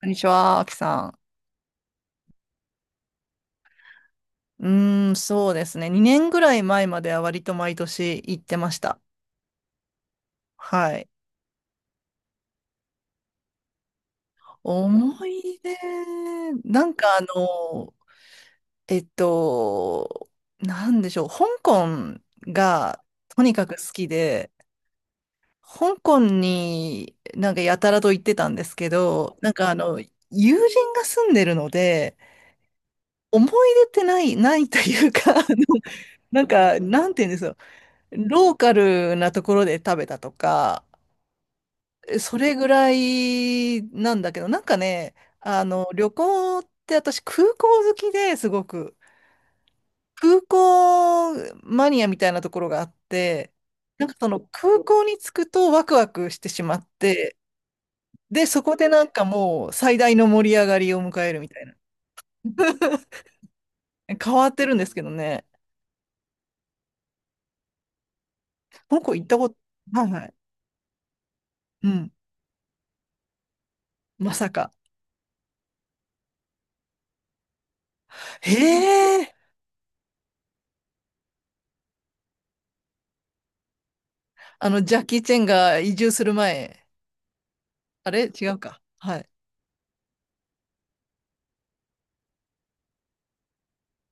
こんにちは、あきさん。うーん、そうですね。2年ぐらい前までは割と毎年行ってました。はい。思い出、なんかあの、えっと、なんでしょう。香港がとにかく好きで、香港になんかやたらと行ってたんですけど、なんかあの、友人が住んでるので、思い出ってない、ないというか、あのなんか、なんて言うんですよ。ローカルなところで食べたとか、それぐらいなんだけど、なんかね、あの、旅行って私空港好きですごく、空港マニアみたいなところがあって、なんかその空港に着くとワクワクしてしまって、で、そこでなんかもう最大の盛り上がりを迎えるみたいな。変わってるんですけどね。香港行ったこと、はいはい。うん。まさか。へえ。あの、ジャッキー・チェンが移住する前。あれ違うか。はい。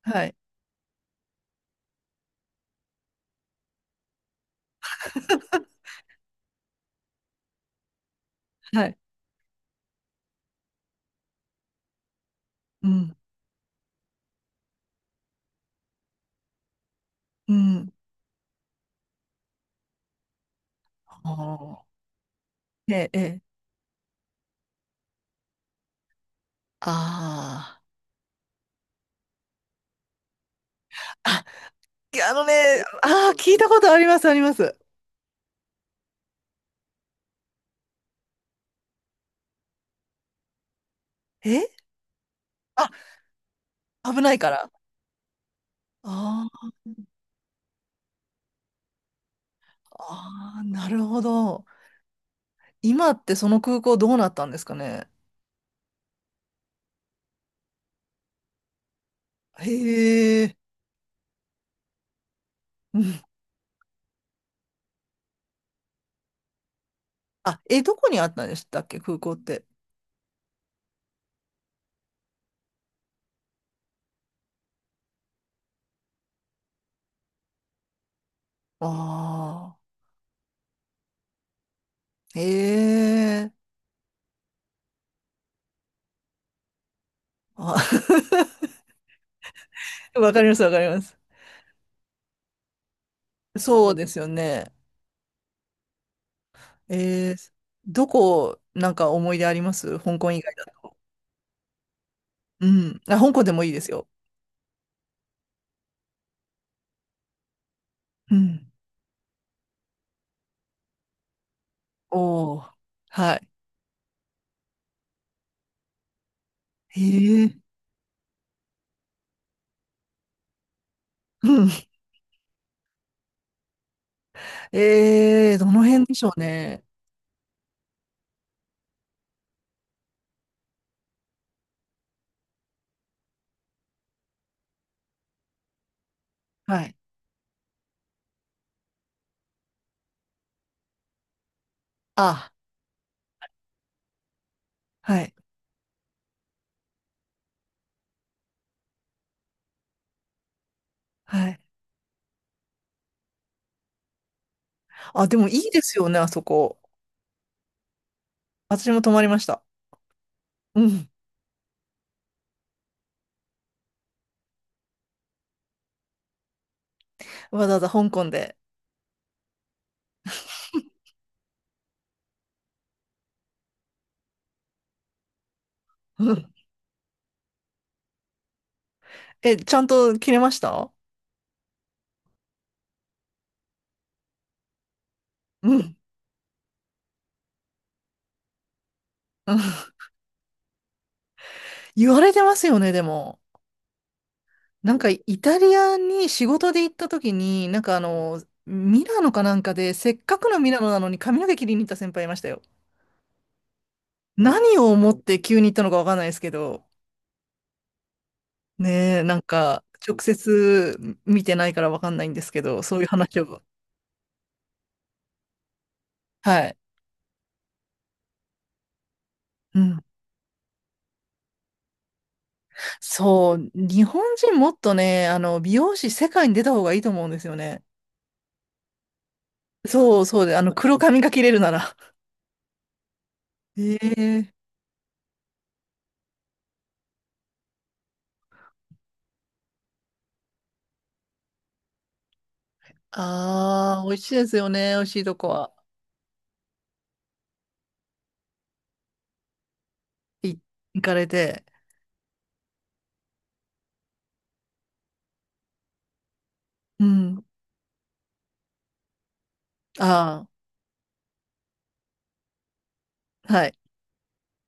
はい。はい。うん。うん。あーええ、ええ。ああ。あ、いやあのね、ああ、聞いたことあります、あります。えあ、危ないから。あーあー、なるほど。今ってその空港どうなったんですかね。へえ。うんあ、え、どこにあったんでしたっけ、空港って。ああ。へえ。あ わかります、わかります。そうですよね。えー、どこ、なんか思い出あります香港以外だと。うん。あ、香港でもいいですよ。うん。おおはい。へえ。うん。えー、どの辺でしょうね。はい。あ、はい。はい。あ、でもいいですよね、あそこ。私も泊まりました。うん。わざわざ香港で。うん。え、ちゃんと切れましたうん。うん言われてますよね、でも。なんかイタリアに仕事で行った時に、なんかあの、ミラノかなんかで、せっかくのミラノなのに髪の毛切りに行った先輩いましたよ。何を思って急に行ったのかわかんないですけど、ねえ、なんか直接見てないからわかんないんですけど、そういう話を。はい。うん。そう、日本人もっとね、あの、美容師世界に出た方がいいと思うんですよね。そうそうで、あの、黒髪が切れるなら。ええああー、美味しいですよね、美味しいとこは。い行かれて。うん。ああ、はい。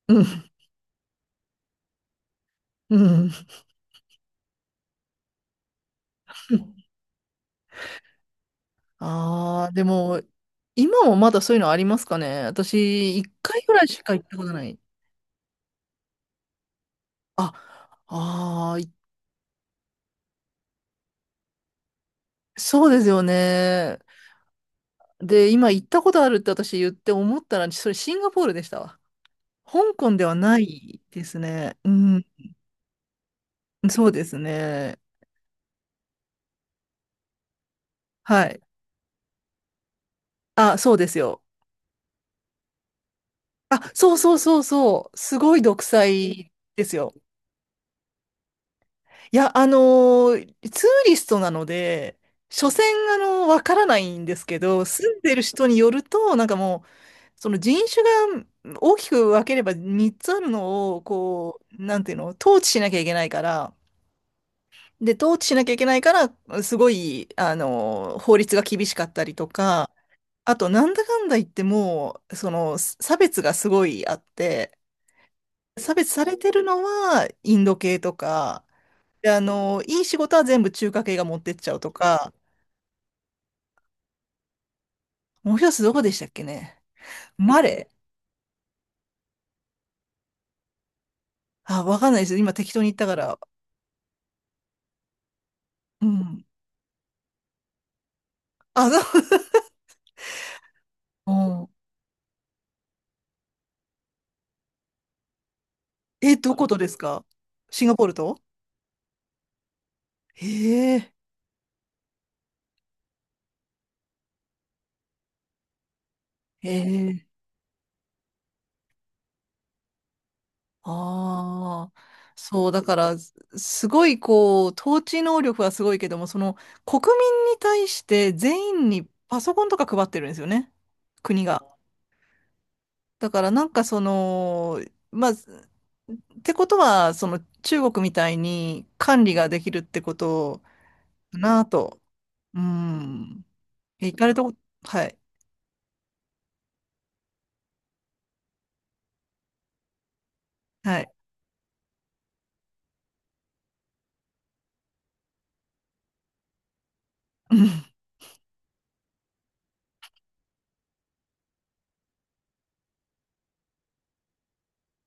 うん。うん。ああ、でも、今もまだそういうのありますかね。私、一回ぐらいしか行ったことない。あ、ああ、いそうですよね。で、今行ったことあるって私言って思ったら、それシンガポールでしたわ。香港ではないですね。うん、そうですね。はい。あ、そうですよ。あ、そうそうそうそう。すごい独裁ですよ。いや、ツーリストなので、所詮、わからないんですけど、住んでる人によると、なんかもう、その人種が大きく分ければ3つあるのを、こう、なんていうの、統治しなきゃいけないから、で、統治しなきゃいけないから、すごい、法律が厳しかったりとか、あと、なんだかんだ言ってもう、その、差別がすごいあって、差別されてるのは、インド系とか、で、あの、いい仕事は全部中華系が持ってっちゃうとか、もう一つどこでしたっけね。マレーあ、わかんないです。今適当に言ったから。うん。あ、そう。うんえ、どことですかシンガポールとへえ、へえ。ああ。そう、だから、すすごい、こう、統治能力はすごいけども、その、国民に対して全員にパソコンとか配ってるんですよね。国が。だから、なんかその、まあ、ってことは、その中国みたいに管理ができるってことかなと。うん。え行かれたこと、はい。はい。うん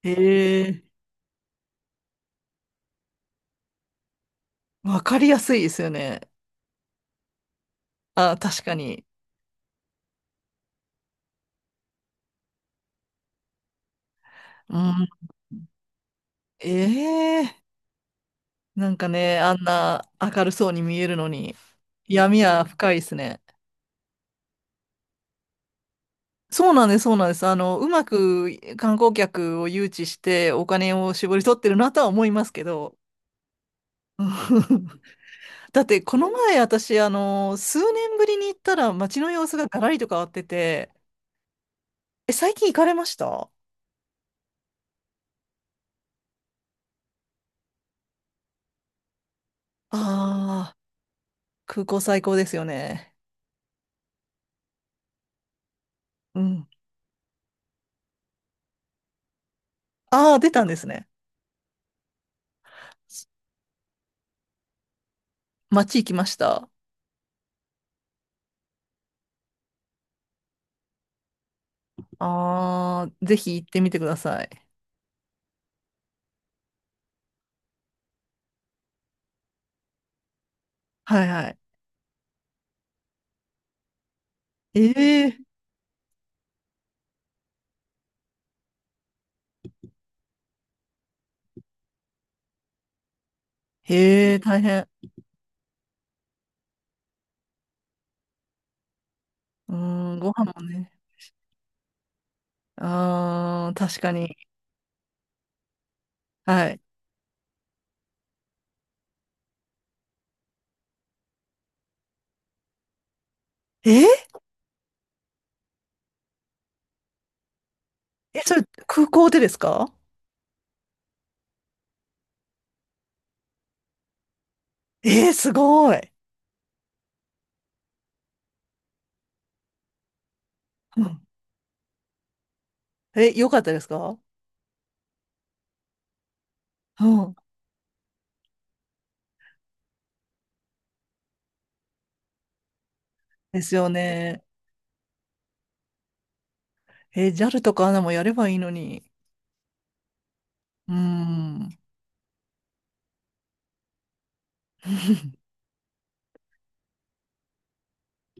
ええわかりやすいですよね。あ、確かに。うん。ええなんかね、あんな明るそうに見えるのに、闇は深いですね。そうなんです、そうなんです。あの、うまく観光客を誘致してお金を絞り取ってるなとは思いますけど。だってこの前私、あの、数年ぶりに行ったら街の様子がガラリと変わってて、え、最近行かれましたああー、空港最高ですよね。うん。ああ、出たんですね。街行きました。ああ、ぜひ行ってみてください。はいはい。ええへえ、大変。うーん、ご飯もね。ああ、確かに。はい。えーえ、それ空港でですかえー、すごい。うん。え、良かったですかうん。ですよね。えー、JA とか ANA もやればいいのに。うーん。